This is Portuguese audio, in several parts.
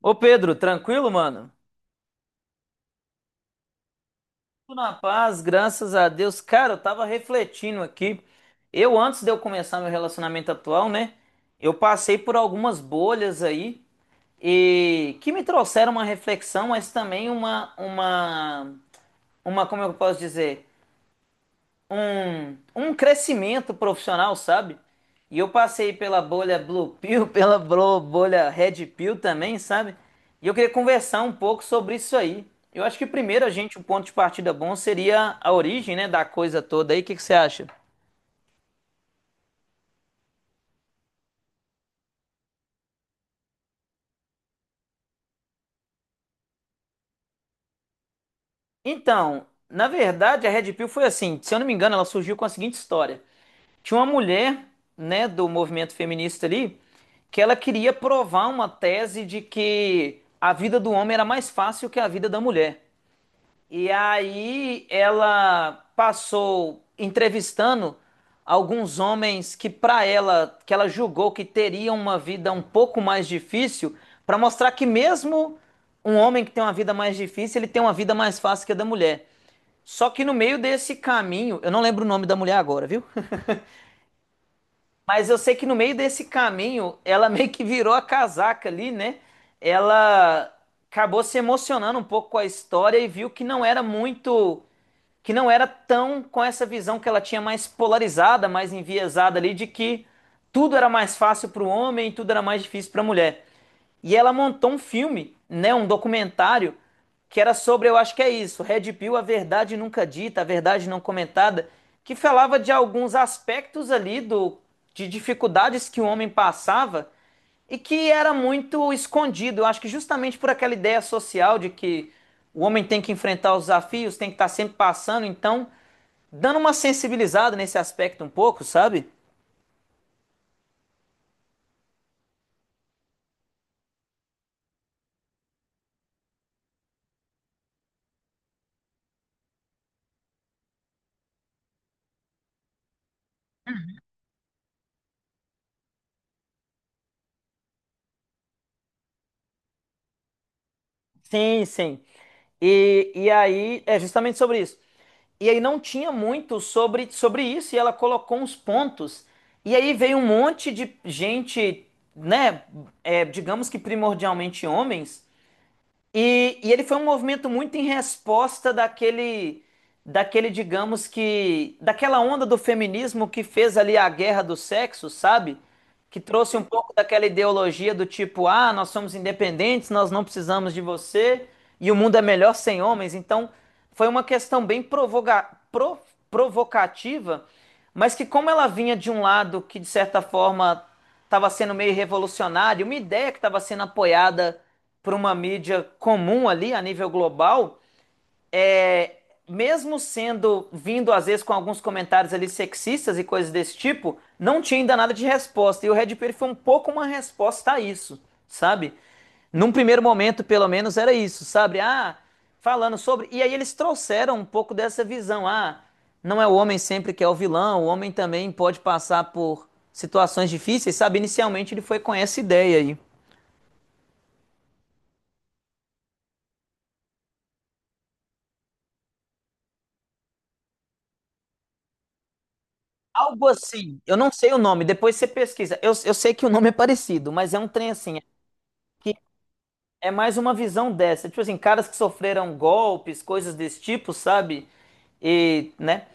Ô Pedro, tranquilo, mano? Tudo na paz, graças a Deus. Cara, eu tava refletindo aqui. Eu, antes de eu começar meu relacionamento atual, né? Eu passei por algumas bolhas aí e que me trouxeram uma reflexão, mas também uma, como eu posso dizer? Um crescimento profissional, sabe? E eu passei pela bolha Blue Pill, pela bolha Red Pill também, sabe? E eu queria conversar um pouco sobre isso aí. Eu acho que primeiro o ponto de partida bom seria a origem, né, da coisa toda aí. O que que você acha? Então, na verdade, a Red Pill foi assim, se eu não me engano, ela surgiu com a seguinte história. Tinha uma mulher, né, do movimento feminista ali, que ela queria provar uma tese de que a vida do homem era mais fácil que a vida da mulher. E aí ela passou entrevistando alguns homens que para ela, que ela julgou que teriam uma vida um pouco mais difícil, para mostrar que mesmo um homem que tem uma vida mais difícil, ele tem uma vida mais fácil que a da mulher. Só que no meio desse caminho, eu não lembro o nome da mulher agora, viu? Mas eu sei que no meio desse caminho, ela meio que virou a casaca ali, né? Ela acabou se emocionando um pouco com a história e viu que não era muito que não era tão com essa visão que ela tinha mais polarizada, mais enviesada ali, de que tudo era mais fácil para o homem, tudo era mais difícil para a mulher. E ela montou um filme, né, um documentário que era sobre, eu acho que é isso, Red Pill, a verdade nunca dita, a verdade não comentada, que falava de alguns aspectos ali do de dificuldades que o homem passava e que era muito escondido. Eu acho que justamente por aquela ideia social de que o homem tem que enfrentar os desafios, tem que estar sempre passando, então dando uma sensibilizada nesse aspecto um pouco, sabe? Sim, sim. E aí é justamente sobre isso. E aí não tinha muito sobre isso, e ela colocou uns pontos, e aí veio um monte de gente, né, é, digamos que primordialmente homens. E ele foi um movimento muito em resposta digamos que, daquela onda do feminismo que fez ali a guerra do sexo, sabe? Que trouxe um pouco daquela ideologia do tipo, ah, nós somos independentes, nós não precisamos de você e o mundo é melhor sem homens. Então, foi uma questão bem provocativa, mas que como ela vinha de um lado que de certa forma estava sendo meio revolucionário, uma ideia que estava sendo apoiada por uma mídia comum ali a nível global, é, mesmo sendo vindo às vezes com alguns comentários ali sexistas e coisas desse tipo, não tinha ainda nada de resposta. E o Red Pill foi um pouco uma resposta a isso, sabe? Num primeiro momento, pelo menos, era isso, sabe? Ah, falando sobre. E aí eles trouxeram um pouco dessa visão. Ah, não é o homem sempre que é o vilão, o homem também pode passar por situações difíceis, sabe? Inicialmente ele foi com essa ideia aí. Algo assim, eu não sei o nome, depois você pesquisa. Eu sei que o nome é parecido, mas é um trem assim. Que é mais uma visão dessa. Tipo assim, caras que sofreram golpes, coisas desse tipo, sabe? E, né?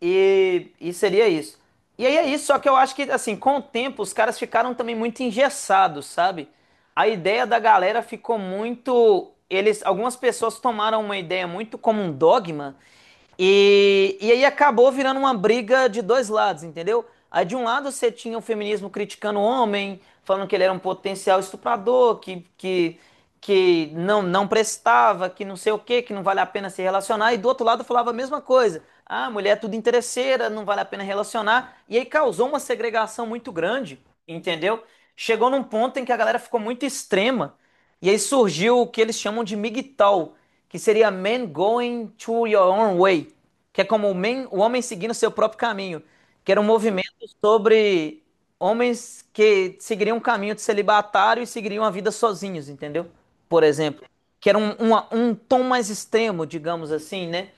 E seria isso. E aí é isso, só que eu acho que, assim, com o tempo, os caras ficaram também muito engessados, sabe? A ideia da galera ficou muito. Eles, algumas pessoas tomaram uma ideia muito como um dogma e aí acabou virando uma briga de dois lados, entendeu? Aí de um lado você tinha o feminismo criticando o homem, falando que ele era um potencial estuprador, que não prestava, que não sei o quê, que não vale a pena se relacionar. E do outro lado falava a mesma coisa. Ah, mulher é tudo interesseira, não vale a pena relacionar. E aí causou uma segregação muito grande, entendeu? Chegou num ponto em que a galera ficou muito extrema. E aí surgiu o que eles chamam de MGTOW, que seria man going to your own way, que é como o, man, o homem seguindo seu próprio caminho, que era um movimento sobre homens que seguiriam um caminho de celibatário e seguiriam a vida sozinhos, entendeu? Por exemplo, que era um tom mais extremo, digamos assim, né?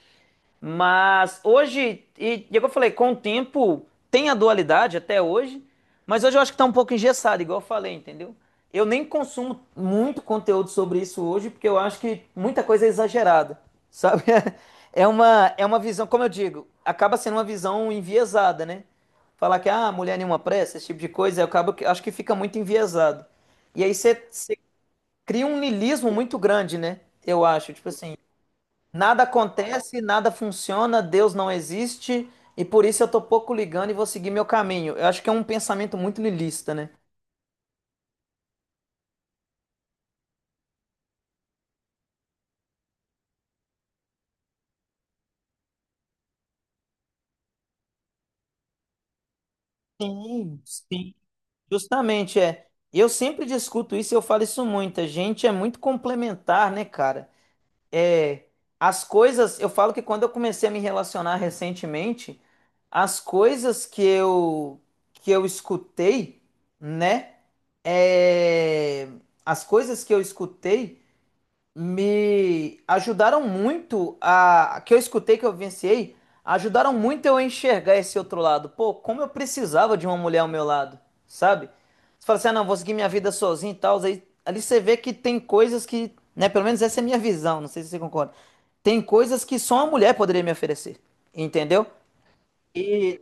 Mas hoje, e é o que eu falei, com o tempo tem a dualidade até hoje, mas hoje eu acho que tá um pouco engessado, igual eu falei, entendeu? Eu nem consumo muito conteúdo sobre isso hoje, porque eu acho que muita coisa é exagerada, sabe? É uma visão, como eu digo, acaba sendo uma visão enviesada, né? Falar que, ah, mulher nenhuma pressa, esse tipo de coisa, eu acabo, acho que fica muito enviesado. E aí você cria um niilismo muito grande, né? Eu acho, tipo assim. Nada acontece, nada funciona, Deus não existe, e por isso eu tô pouco ligando e vou seguir meu caminho. Eu acho que é um pensamento muito niilista, né? Sim, sim. Justamente, é. Eu sempre discuto isso, e eu falo isso muito. A gente é muito complementar, né, cara? É, as coisas, eu falo que quando eu comecei a me relacionar recentemente, as coisas que eu escutei, né? É, as coisas que eu escutei me ajudaram que eu escutei que eu vivenciei, ajudaram muito eu a enxergar esse outro lado. Pô, como eu precisava de uma mulher ao meu lado, sabe? Você fala assim, ah, não, vou seguir minha vida sozinho e tal. Aí, ali você vê que tem coisas que, né, pelo menos essa é a minha visão, não sei se você concorda. Tem coisas que só uma mulher poderia me oferecer, entendeu? E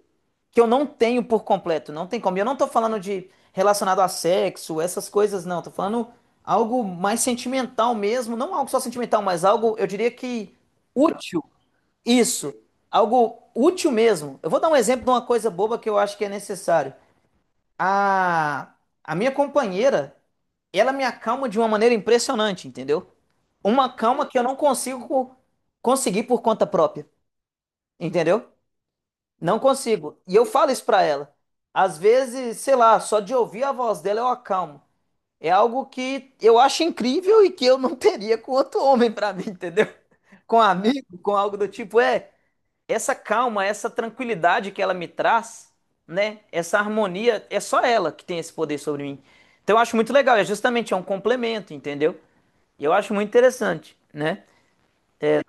que eu não tenho por completo, não tem como. E eu não tô falando de relacionado a sexo, essas coisas não, tô falando algo mais sentimental mesmo, não algo só sentimental, mas algo, eu diria que útil. Isso, algo útil mesmo. Eu vou dar um exemplo de uma coisa boba que eu acho que é necessário. A a minha companheira, ela me acalma de uma maneira impressionante, entendeu? Uma calma que eu não consigo conseguir por conta própria, entendeu? Não consigo. E eu falo isso pra ela. Às vezes, sei lá, só de ouvir a voz dela eu acalmo. É algo que eu acho incrível e que eu não teria com outro homem pra mim, entendeu? Com um amigo, com algo do tipo, é, essa calma, essa tranquilidade que ela me traz, né? Essa harmonia, é só ela que tem esse poder sobre mim. Então eu acho muito legal, é justamente é um complemento, entendeu? E eu acho muito interessante, né? É,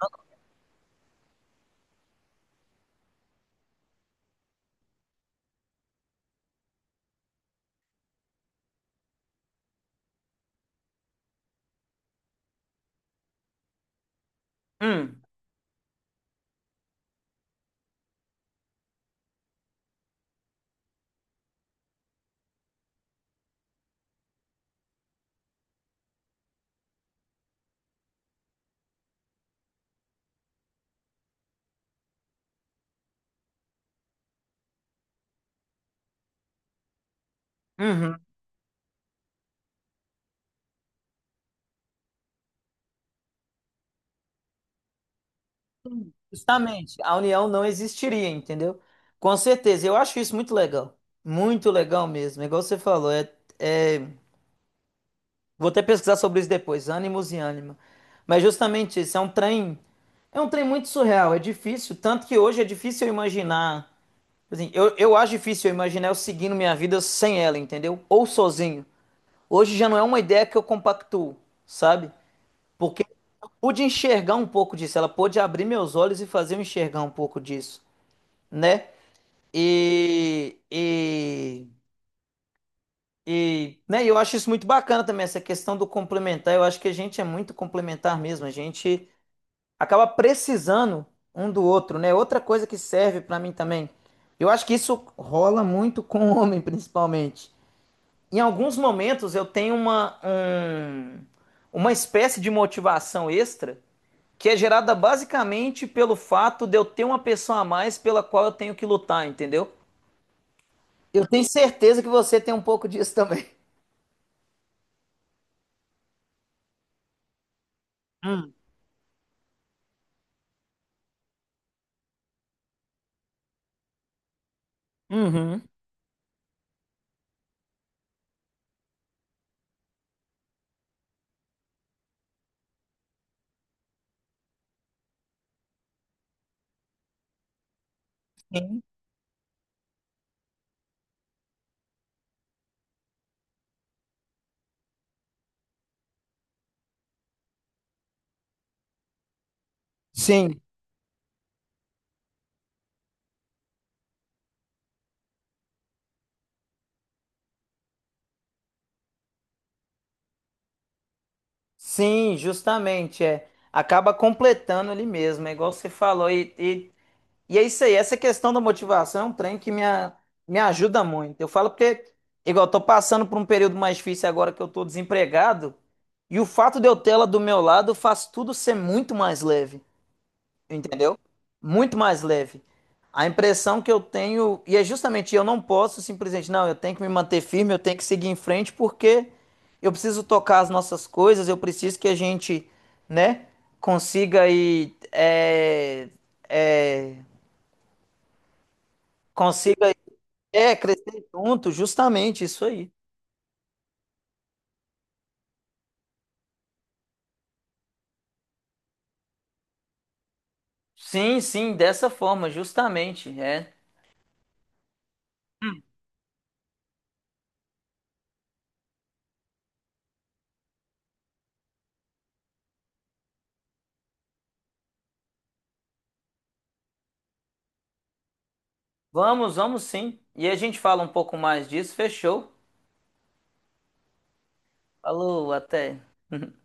hum, uhum. Justamente, a união não existiria, entendeu? Com certeza, eu acho isso muito legal. Muito legal mesmo, igual você falou. É, é- vou até pesquisar sobre isso depois, ânimos e ânima. Mas justamente isso, é um trem. É um trem muito surreal, é difícil. Tanto que hoje é difícil eu imaginar. Assim, eu acho difícil eu imaginar eu seguindo minha vida sem ela, entendeu? Ou sozinho. Hoje já não é uma ideia que eu compactuo, sabe? Porque eu pude enxergar um pouco disso, ela pôde abrir meus olhos e fazer eu enxergar um pouco disso, né? E, e, né, eu acho isso muito bacana também, essa questão do complementar. Eu acho que a gente é muito complementar mesmo. A gente acaba precisando um do outro, né? Outra coisa que serve pra mim também. Eu acho que isso rola muito com o homem, principalmente. Em alguns momentos eu tenho uma espécie de motivação extra que é gerada basicamente pelo fato de eu ter uma pessoa a mais pela qual eu tenho que lutar, entendeu? Eu tenho certeza que você tem um pouco disso também. Hum, uhum. Sim. Sim, sim, justamente, é. Acaba completando ali mesmo, é igual você falou. E é isso aí, essa questão da motivação é um trem que me ajuda muito. Eu falo porque, igual, eu tô passando por um período mais difícil agora que eu tô desempregado, e o fato de eu ter ela do meu lado faz tudo ser muito mais leve. Entendeu? Muito mais leve. A impressão que eu tenho, e é justamente eu não posso simplesmente, não, eu tenho que me manter firme, eu tenho que seguir em frente porque eu preciso tocar as nossas coisas, eu preciso que a gente, né, consiga aí, é, consiga é, crescer junto, justamente isso aí. Sim, sim, dessa forma, justamente, é. Vamos, vamos sim. E a gente fala um pouco mais disso, fechou? Falou, até.